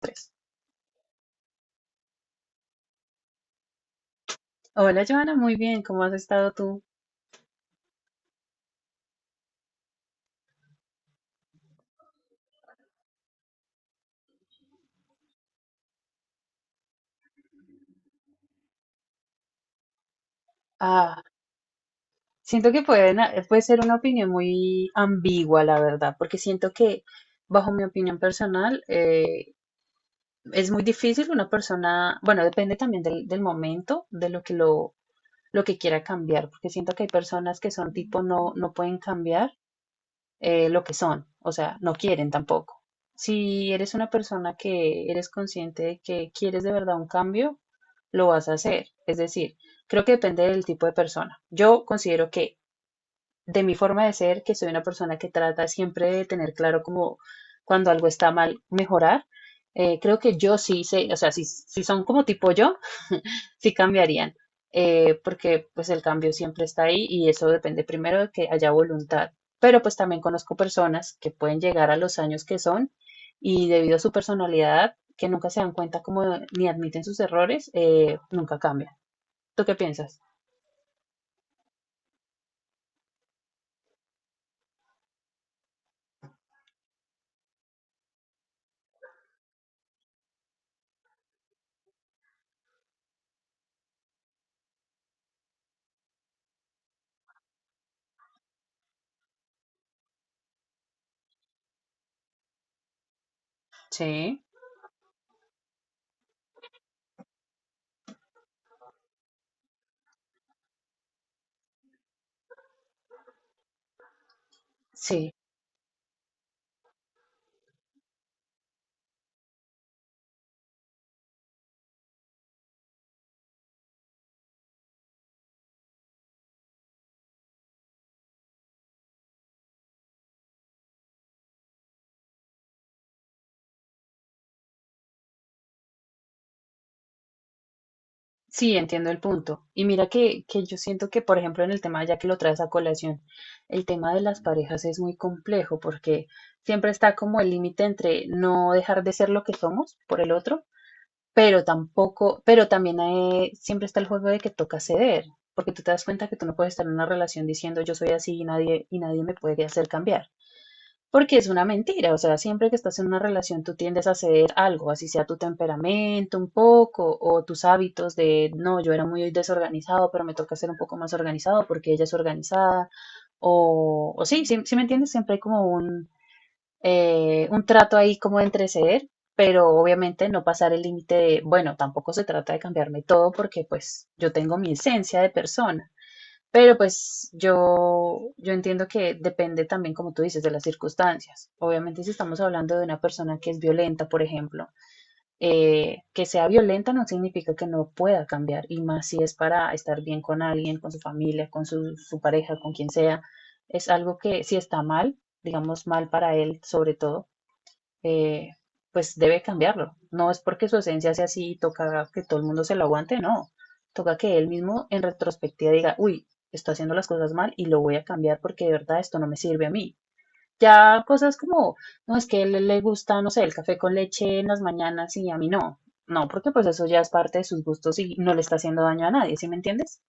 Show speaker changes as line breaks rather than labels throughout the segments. Tres. Hola, Joana, muy bien, ¿cómo has estado tú? Ah, siento que pueden, puede ser una opinión muy ambigua, la verdad, porque siento que, bajo mi opinión personal, es muy difícil una persona, bueno, depende también del momento, de lo que quiera cambiar, porque siento que hay personas que son tipo no, no pueden cambiar lo que son, o sea, no quieren tampoco. Si eres una persona que eres consciente de que quieres de verdad un cambio, lo vas a hacer. Es decir, creo que depende del tipo de persona. Yo considero que de mi forma de ser, que soy una persona que trata siempre de tener claro como cuando algo está mal, mejorar. Eh, creo que yo sí sé, o sea, si son como tipo yo, sí cambiarían, porque pues el cambio siempre está ahí y eso depende primero de que haya voluntad. Pero pues también conozco personas que pueden llegar a los años que son y debido a su personalidad, que nunca se dan cuenta como ni admiten sus errores, nunca cambian. ¿Tú qué piensas? Sí, sí, sí, entiendo el punto. Y mira que yo siento que, por ejemplo, en el tema, ya que lo traes a colación, el tema de las parejas es muy complejo porque siempre está como el límite entre no dejar de ser lo que somos por el otro, pero tampoco, pero también siempre está el juego de que toca ceder, porque tú te das cuenta que tú no puedes estar en una relación diciendo yo soy así y nadie me puede hacer cambiar. Porque es una mentira, o sea, siempre que estás en una relación tú tiendes a ceder algo, así sea tu temperamento un poco o tus hábitos de, no, yo era muy desorganizado, pero me toca ser un poco más organizado porque ella es organizada, o sí, sí, sí me entiendes, siempre hay como un trato ahí como entre ceder, pero obviamente no pasar el límite de, bueno, tampoco se trata de cambiarme todo porque pues yo tengo mi esencia de persona. Pero pues yo entiendo que depende también, como tú dices, de las circunstancias. Obviamente si estamos hablando de una persona que es violenta, por ejemplo, que sea violenta no significa que no pueda cambiar, y más si es para estar bien con alguien, con su familia, con su pareja, con quien sea. Es algo que si está mal, digamos mal para él sobre todo, eh, pues debe cambiarlo. No es porque su esencia sea así y toca que todo el mundo se lo aguante, no. Toca que él mismo en retrospectiva diga, uy, estoy haciendo las cosas mal y lo voy a cambiar porque de verdad esto no me sirve a mí. Ya cosas como, no, es que a él le gusta, no sé, el café con leche en las mañanas y a mí no. No, porque pues eso ya es parte de sus gustos y no le está haciendo daño a nadie, ¿sí me entiendes?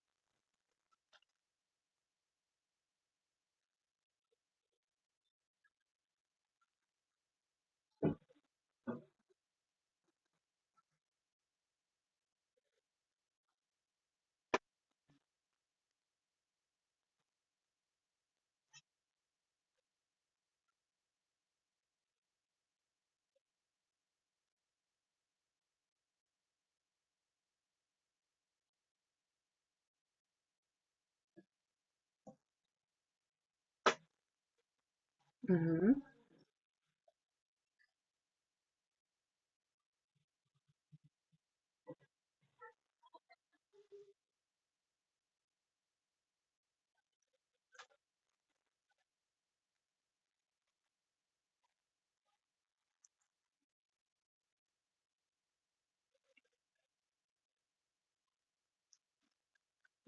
Ujú.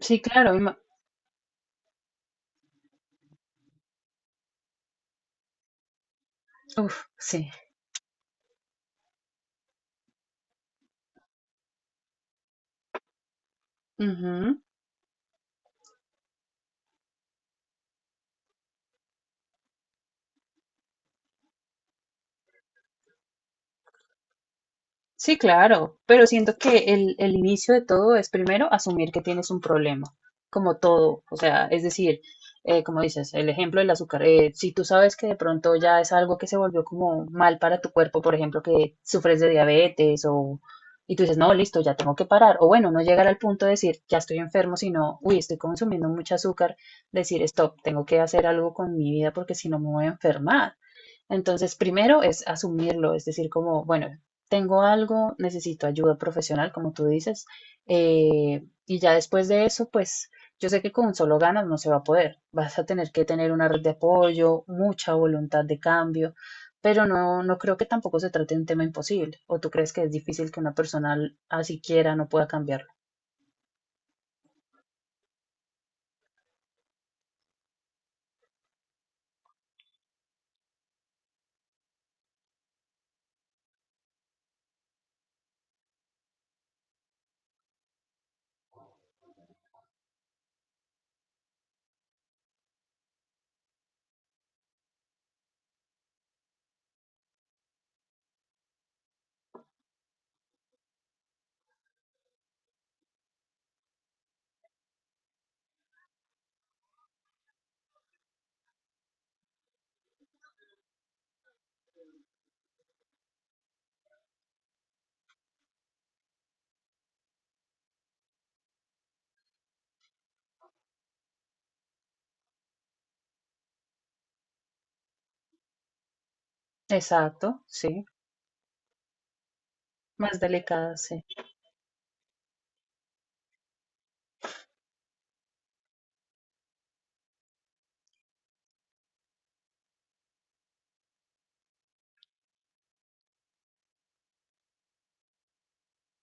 Sí, claro. Uf, sí. Ujú. Sí, claro, pero siento que el inicio de todo es primero asumir que tienes un problema, como todo, o sea, es decir, como dices, el ejemplo del azúcar, si tú sabes que de pronto ya es algo que se volvió como mal para tu cuerpo, por ejemplo, que sufres de diabetes o... Y tú dices, no, listo, ya tengo que parar. O bueno, no llegar al punto de decir, ya estoy enfermo, sino, uy, estoy consumiendo mucho azúcar, decir, stop, tengo que hacer algo con mi vida porque si no me voy a enfermar. Entonces, primero es asumirlo, es decir, como, bueno, tengo algo, necesito ayuda profesional, como tú dices, y ya después de eso, pues yo sé que con solo ganas no se va a poder, vas a tener que tener una red de apoyo, mucha voluntad de cambio, pero no, no creo que tampoco se trate de un tema imposible, o tú crees que es difícil que una persona así quiera no pueda cambiarlo. Exacto, sí, más delicada, sí.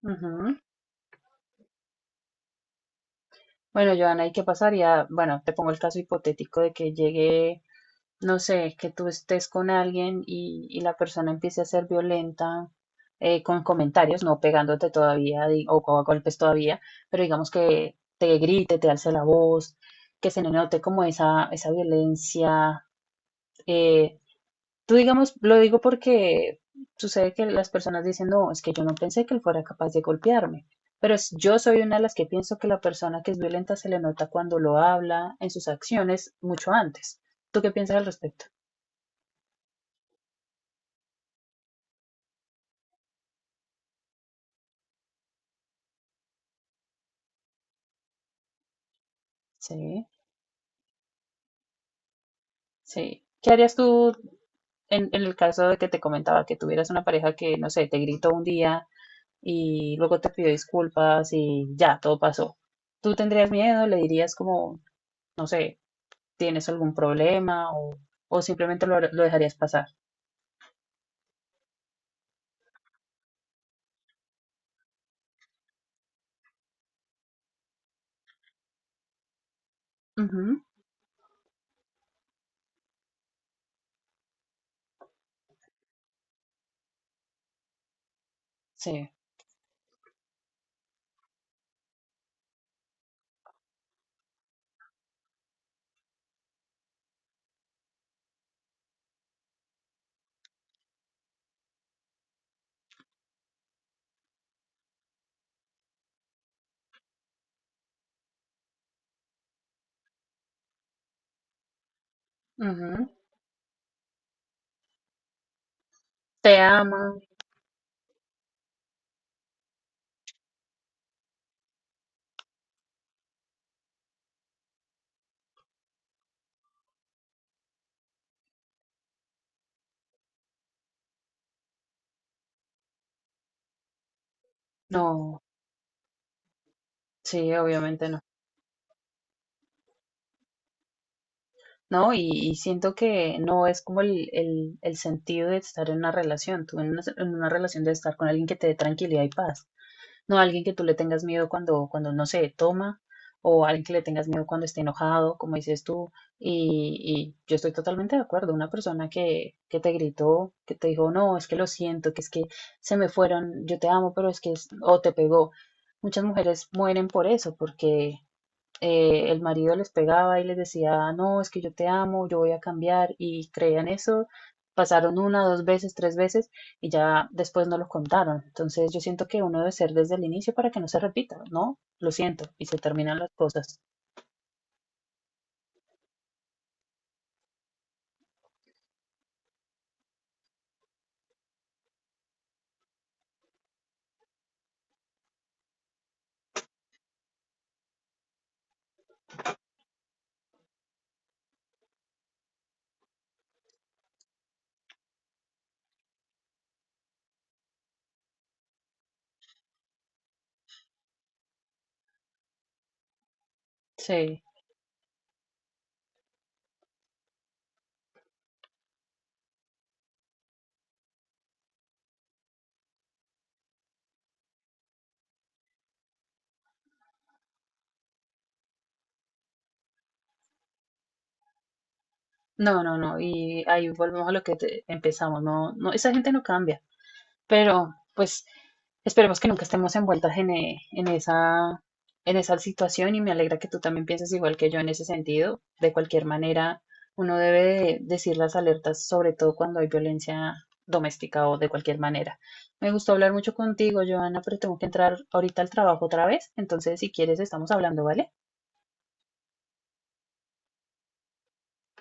Ujú. Bueno, Joana, ¿y qué pasaría? Bueno, te pongo el caso hipotético de que llegue no sé, que tú estés con alguien y la persona empiece a ser violenta con comentarios, no pegándote todavía o a golpes todavía, pero digamos que te grite, te alce la voz, que se le note como esa violencia. eh, Tú digamos, lo digo porque sucede que las personas dicen, no, es que yo no pensé que él fuera capaz de golpearme. Pero es- yo soy una de las que pienso que la persona que es violenta se le nota cuando lo habla, en sus acciones, mucho antes. ¿Tú qué piensas al respecto? Sí. Sí. ¿Qué harías tú en el caso de que te comentaba que tuvieras una pareja que, no sé, te gritó un día y luego te pidió disculpas y ya, todo pasó? ¿Tú tendrías miedo? ¿Le dirías como, no sé, tienes algún problema o simplemente lo dejarías pasar? Ujú, sí. Ujú. ¿Te ama? No, sí, obviamente no. No, y siento que no es como el sentido de estar en una relación, tú en una relación de estar con alguien que te dé tranquilidad y paz. No alguien que tú le tengas miedo cuando, cuando no sé, toma, o alguien que le tengas miedo cuando esté enojado, como dices tú. Y yo estoy totalmente de acuerdo. Una persona que te gritó, que te dijo, no, es que lo siento, que es que se me fueron, yo te amo, pero es que, es- o te pegó. Muchas mujeres mueren por eso, porque el marido les pegaba y les decía, no, es que yo te amo, yo voy a cambiar, y creían eso. Pasaron una, dos veces, tres veces y ya después no lo contaron. Entonces yo siento que uno debe ser desde el inicio para que no se repita, ¿no? Lo siento, y se terminan las cosas. Sí. No, no, no. Y ahí volvemos a lo que te- empezamos. No, no, esa gente no cambia. Pero pues esperemos que nunca estemos envueltas en, e- en esa situación y me alegra que tú también pienses igual que yo en ese sentido. De cualquier manera, uno debe de decir las alertas, sobre todo cuando hay violencia doméstica o de cualquier manera. Me gustó hablar mucho contigo, Joana, pero tengo que entrar ahorita al trabajo otra vez. Entonces, si quieres, estamos hablando, ¿vale?